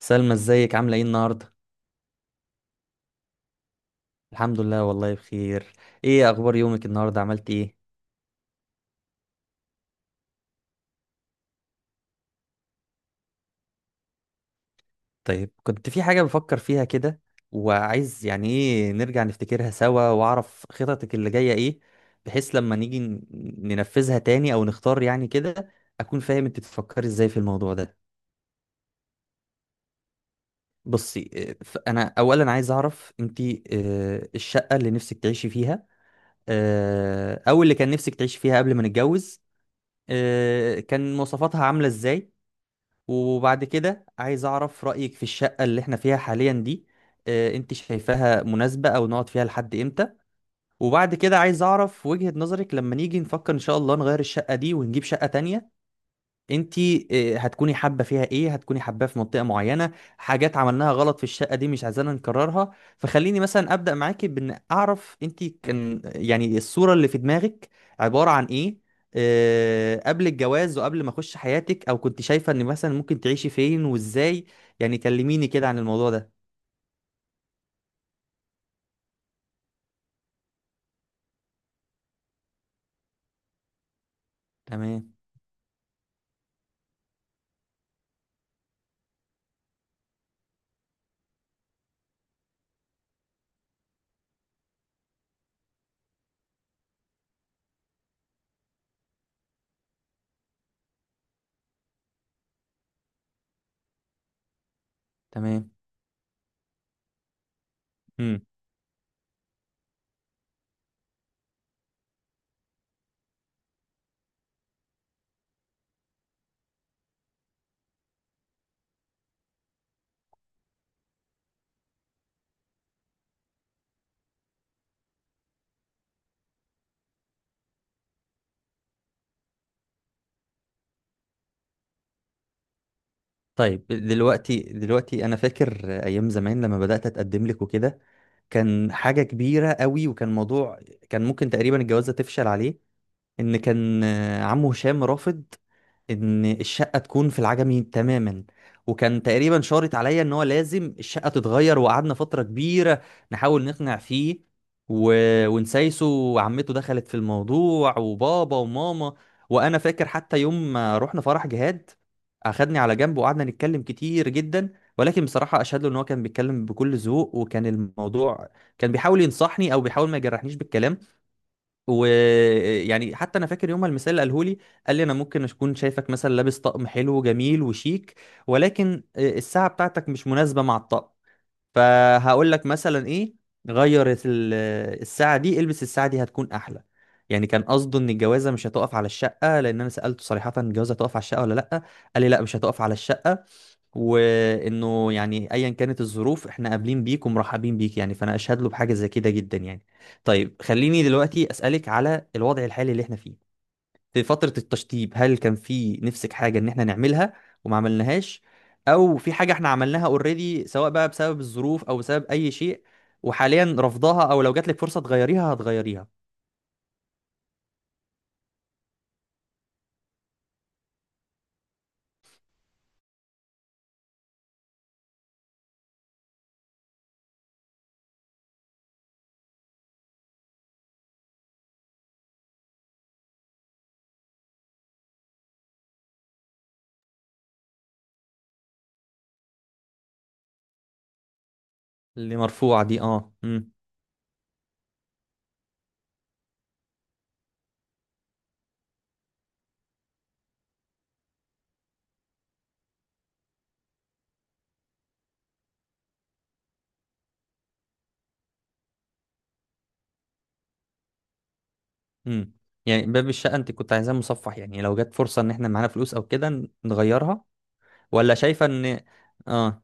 سلمى، ازيك عاملة ايه النهاردة؟ الحمد لله والله بخير. ايه اخبار يومك النهاردة؟ عملت ايه؟ طيب، كنت في حاجة بفكر فيها كده، وعايز يعني ايه نرجع نفتكرها سوا واعرف خططك اللي جاية ايه، بحيث لما نيجي ننفذها تاني او نختار، يعني كده اكون فاهم انت بتفكري ازاي في الموضوع ده. بصي، انا اولا عايز اعرف انت، اه، الشقة اللي نفسك تعيشي فيها، اه، او اللي كان نفسك تعيشي فيها قبل ما نتجوز، اه، كان مواصفاتها عاملة ازاي. وبعد كده عايز أعرف رأيك في الشقة اللي احنا فيها حاليا دي. انت شايفاها مناسبة؟ أو نقعد فيها لحد امتى؟ وبعد كده عايز أعرف وجهة نظرك لما نيجي نفكر إن شاء الله نغير الشقة دي ونجيب شقة تانية. انت هتكوني حابه فيها ايه؟ هتكوني حباه في منطقه معينه؟ حاجات عملناها غلط في الشقه دي مش عايزانا نكررها؟ فخليني مثلا ابدا معاكي بان اعرف انت كان يعني الصوره اللي في دماغك عباره عن ايه، قبل الجواز وقبل ما اخش حياتك، او كنت شايفه ان مثلا ممكن تعيشي فين وازاي؟ يعني كلميني كده عن الموضوع ده. تمام، تمام. امم. طيب، دلوقتي انا فاكر ايام زمان لما بدات اتقدم لك وكده، كان حاجة كبيرة قوي، وكان موضوع كان ممكن تقريبا الجوازة تفشل عليه، ان كان عمه هشام رافض ان الشقه تكون في العجمي تماما، وكان تقريبا شارط عليا ان هو لازم الشقه تتغير. وقعدنا فتره كبيره نحاول نقنع فيه و... ونسايسه، وعمته دخلت في الموضوع، وبابا وماما. وانا فاكر حتى يوم ما رحنا فرح جهاد، اخدني على جنب وقعدنا نتكلم كتير جدا، ولكن بصراحه اشهد له ان هو كان بيتكلم بكل ذوق، وكان الموضوع كان بيحاول ينصحني، او بيحاول ما يجرحنيش بالكلام. ويعني حتى انا فاكر يوم ما المثال اللي قاله لي، قال لي انا ممكن اكون شايفك مثلا لابس طقم حلو وجميل وشيك، ولكن الساعه بتاعتك مش مناسبه مع الطقم، فهقول لك مثلا ايه، غير الساعة دي، البس الساعة دي هتكون احلى. يعني كان قصده ان الجوازة مش هتقف على الشقة، لان انا سألته صريحة، الجوازة هتقف على الشقة ولا لا؟ قال لي لا، مش هتقف على الشقة، وانه يعني ايا كانت الظروف احنا قابلين بيك ومرحبين بيك. يعني فانا اشهد له بحاجة زي كده جدا يعني. طيب، خليني دلوقتي اسألك على الوضع الحالي اللي احنا فيه. في فترة التشطيب هل كان في نفسك حاجة ان احنا نعملها وما عملناهاش؟ او في حاجة احنا عملناها اوريدي، سواء بقى بسبب الظروف او بسبب اي شيء، وحاليا رافضاها، او لو جاتلك فرصة تغيريها هتغيريها؟ اللي مرفوعة دي، اه، امم. امم. يعني باب الشقة انت كنت عايزاه مصفح؟ يعني لو جات فرصة ان احنا معانا فلوس او كده نغيرها؟ ولا شايفة ان، اه،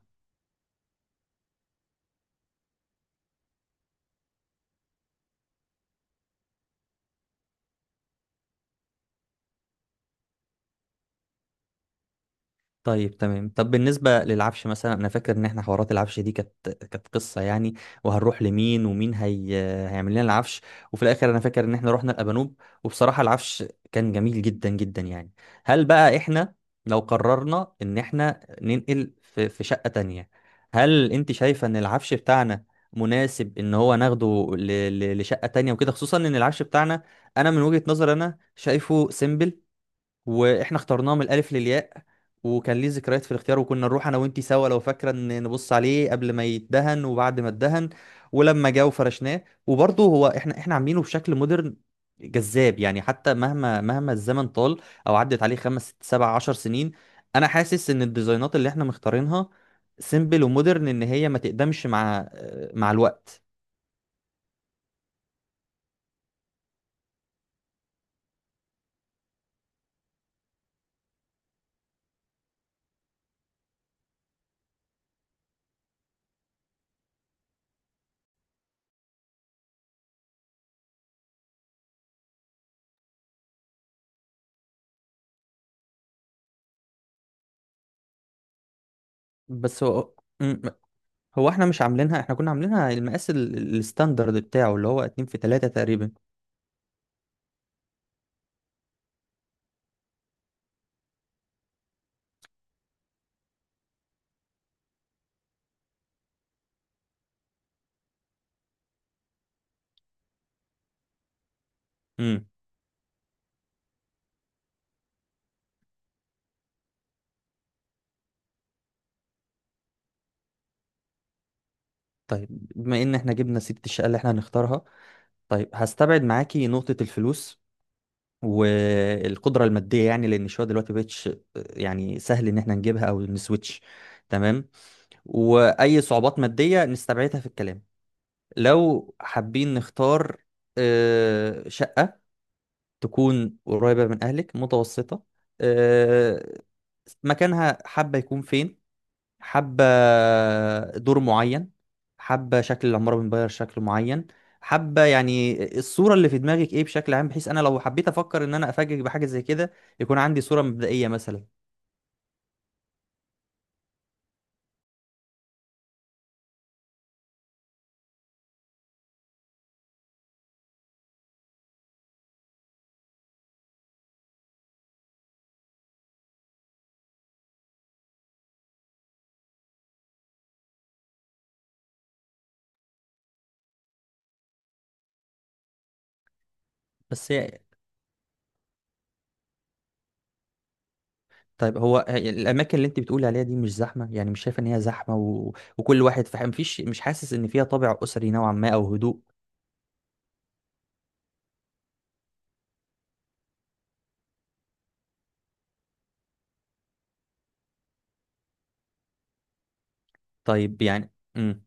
طيب، تمام. طب بالنسبة للعفش مثلا، أنا فاكر إن إحنا حوارات العفش دي كانت قصة يعني، وهنروح لمين، ومين هيعمل لنا العفش. وفي الآخر أنا فاكر إن إحنا رحنا الأبانوب، وبصراحة العفش كان جميل جدا جدا يعني. هل بقى إحنا، لو قررنا إن إحنا ننقل في شقة تانية، هل أنت شايفة إن العفش بتاعنا مناسب إن هو ناخده لشقة تانية وكده؟ خصوصا إن العفش بتاعنا، أنا من وجهة نظري أنا شايفه سيمبل، واحنا اخترناه من الالف للياء، وكان ليه ذكريات في الاختيار. وكنا نروح انا وانتي سوا، لو فاكره، ان نبص عليه قبل ما يتدهن وبعد ما اتدهن. ولما جه وفرشناه وبرضه هو احنا عاملينه بشكل مودرن جذاب، يعني حتى مهما مهما الزمن طال او عدت عليه خمس ست سبع عشر سنين، انا حاسس ان الديزاينات اللي احنا مختارينها سيمبل ومودرن، ان هي ما تقدمش مع الوقت. بس هو م- هو احنا مش عاملينها، احنا كنا عاملينها المقاس الستاندرد بتاعه، اللي هو 2 في 3 تقريبا. امم. طيب، بما ان احنا جبنا سيره الشقه اللي احنا هنختارها، طيب هستبعد معاكي نقطه الفلوس والقدره الماديه، يعني لان الشقه دلوقتي مبقتش يعني سهل ان احنا نجيبها او نسويتش. تمام. واي صعوبات ماديه نستبعدها في الكلام. لو حابين نختار شقه تكون قريبه من اهلك متوسطه، آه، مكانها حابه يكون فين؟ حابة دور معين؟ حابة شكل العمارة من بره شكل معين؟ حابة يعني الصورة اللي في دماغك ايه بشكل عام، بحيث انا لو حبيت افكر ان انا افاجئك بحاجة زي كده يكون عندي صورة مبدئية مثلا. بس هي طيب هي الاماكن اللي انت بتقولي عليها دي مش زحمة؟ يعني مش شايفة ان هي زحمة؟ و... وكل واحد فاهم، مفيش، مش حاسس ان فيها طابع اسري نوعا ما او هدوء؟ طيب، يعني، امم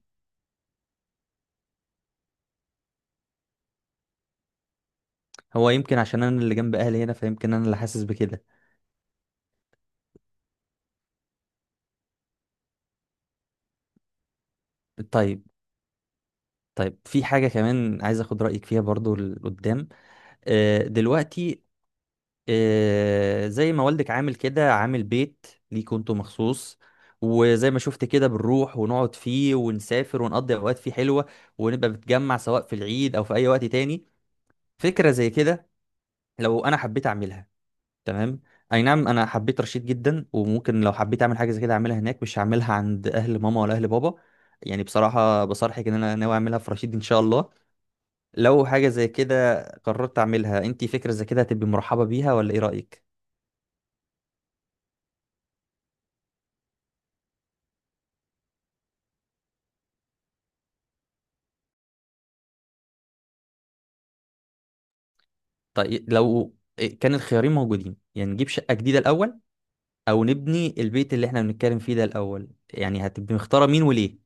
هو يمكن عشان انا اللي جنب اهلي هنا فيمكن انا اللي حاسس بكده. طيب، طيب، في حاجة كمان عايز اخد رأيك فيها برضو لقدام. دلوقتي زي ما والدك عامل كده عامل بيت ليكوا انتوا مخصوص، وزي ما شفت كده بنروح ونقعد فيه ونسافر ونقضي اوقات فيه حلوه، ونبقى بنتجمع سواء في العيد او في اي وقت تاني. فكره زي كده لو انا حبيت اعملها. تمام. اي نعم، انا حبيت رشيد جدا، وممكن لو حبيت اعمل حاجه زي كده اعملها هناك، مش هعملها عند اهل ماما ولا اهل بابا. يعني بصراحه بصرحك ان انا ناوي اعملها في رشيد ان شاء الله. لو حاجة زي كده قررت أعملها، أنت فكرة زي كده هتبقي مرحبة بيها ولا إيه رأيك؟ طيب، لو كان الخيارين موجودين، يعني نجيب شقة جديدة الأول، أو نبني البيت اللي إحنا بنتكلم فيه ده الأول، يعني هتبقي مختارة مين وليه؟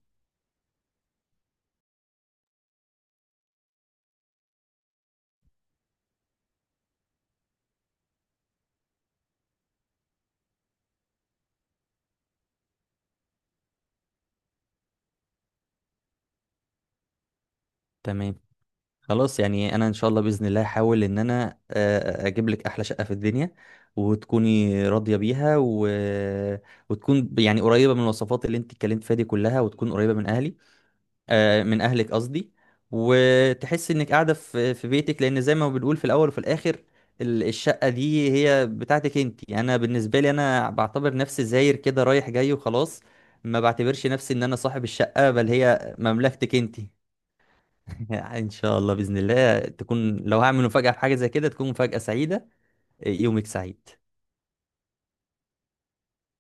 تمام. خلاص، يعني أنا إن شاء الله بإذن الله هحاول إن أنا أجيب لك أحلى شقة في الدنيا وتكوني راضية بيها وتكون يعني قريبة من الوصفات اللي أنت اتكلمت فيها دي كلها، وتكون قريبة من أهلي، من اهلك قصدي، وتحس انك قاعده في بيتك، لان زي ما بنقول في الاول وفي الاخر، الشقه دي هي بتاعتك انت. انا بالنسبه لي انا بعتبر نفسي زاير كده رايح جاي وخلاص، ما بعتبرش نفسي ان انا صاحب الشقه، بل هي مملكتك انت. ان شاء الله باذن الله تكون، لو هعمل مفاجاه في حاجه زي كده، تكون مفاجاه سعيده. يومك سعيد.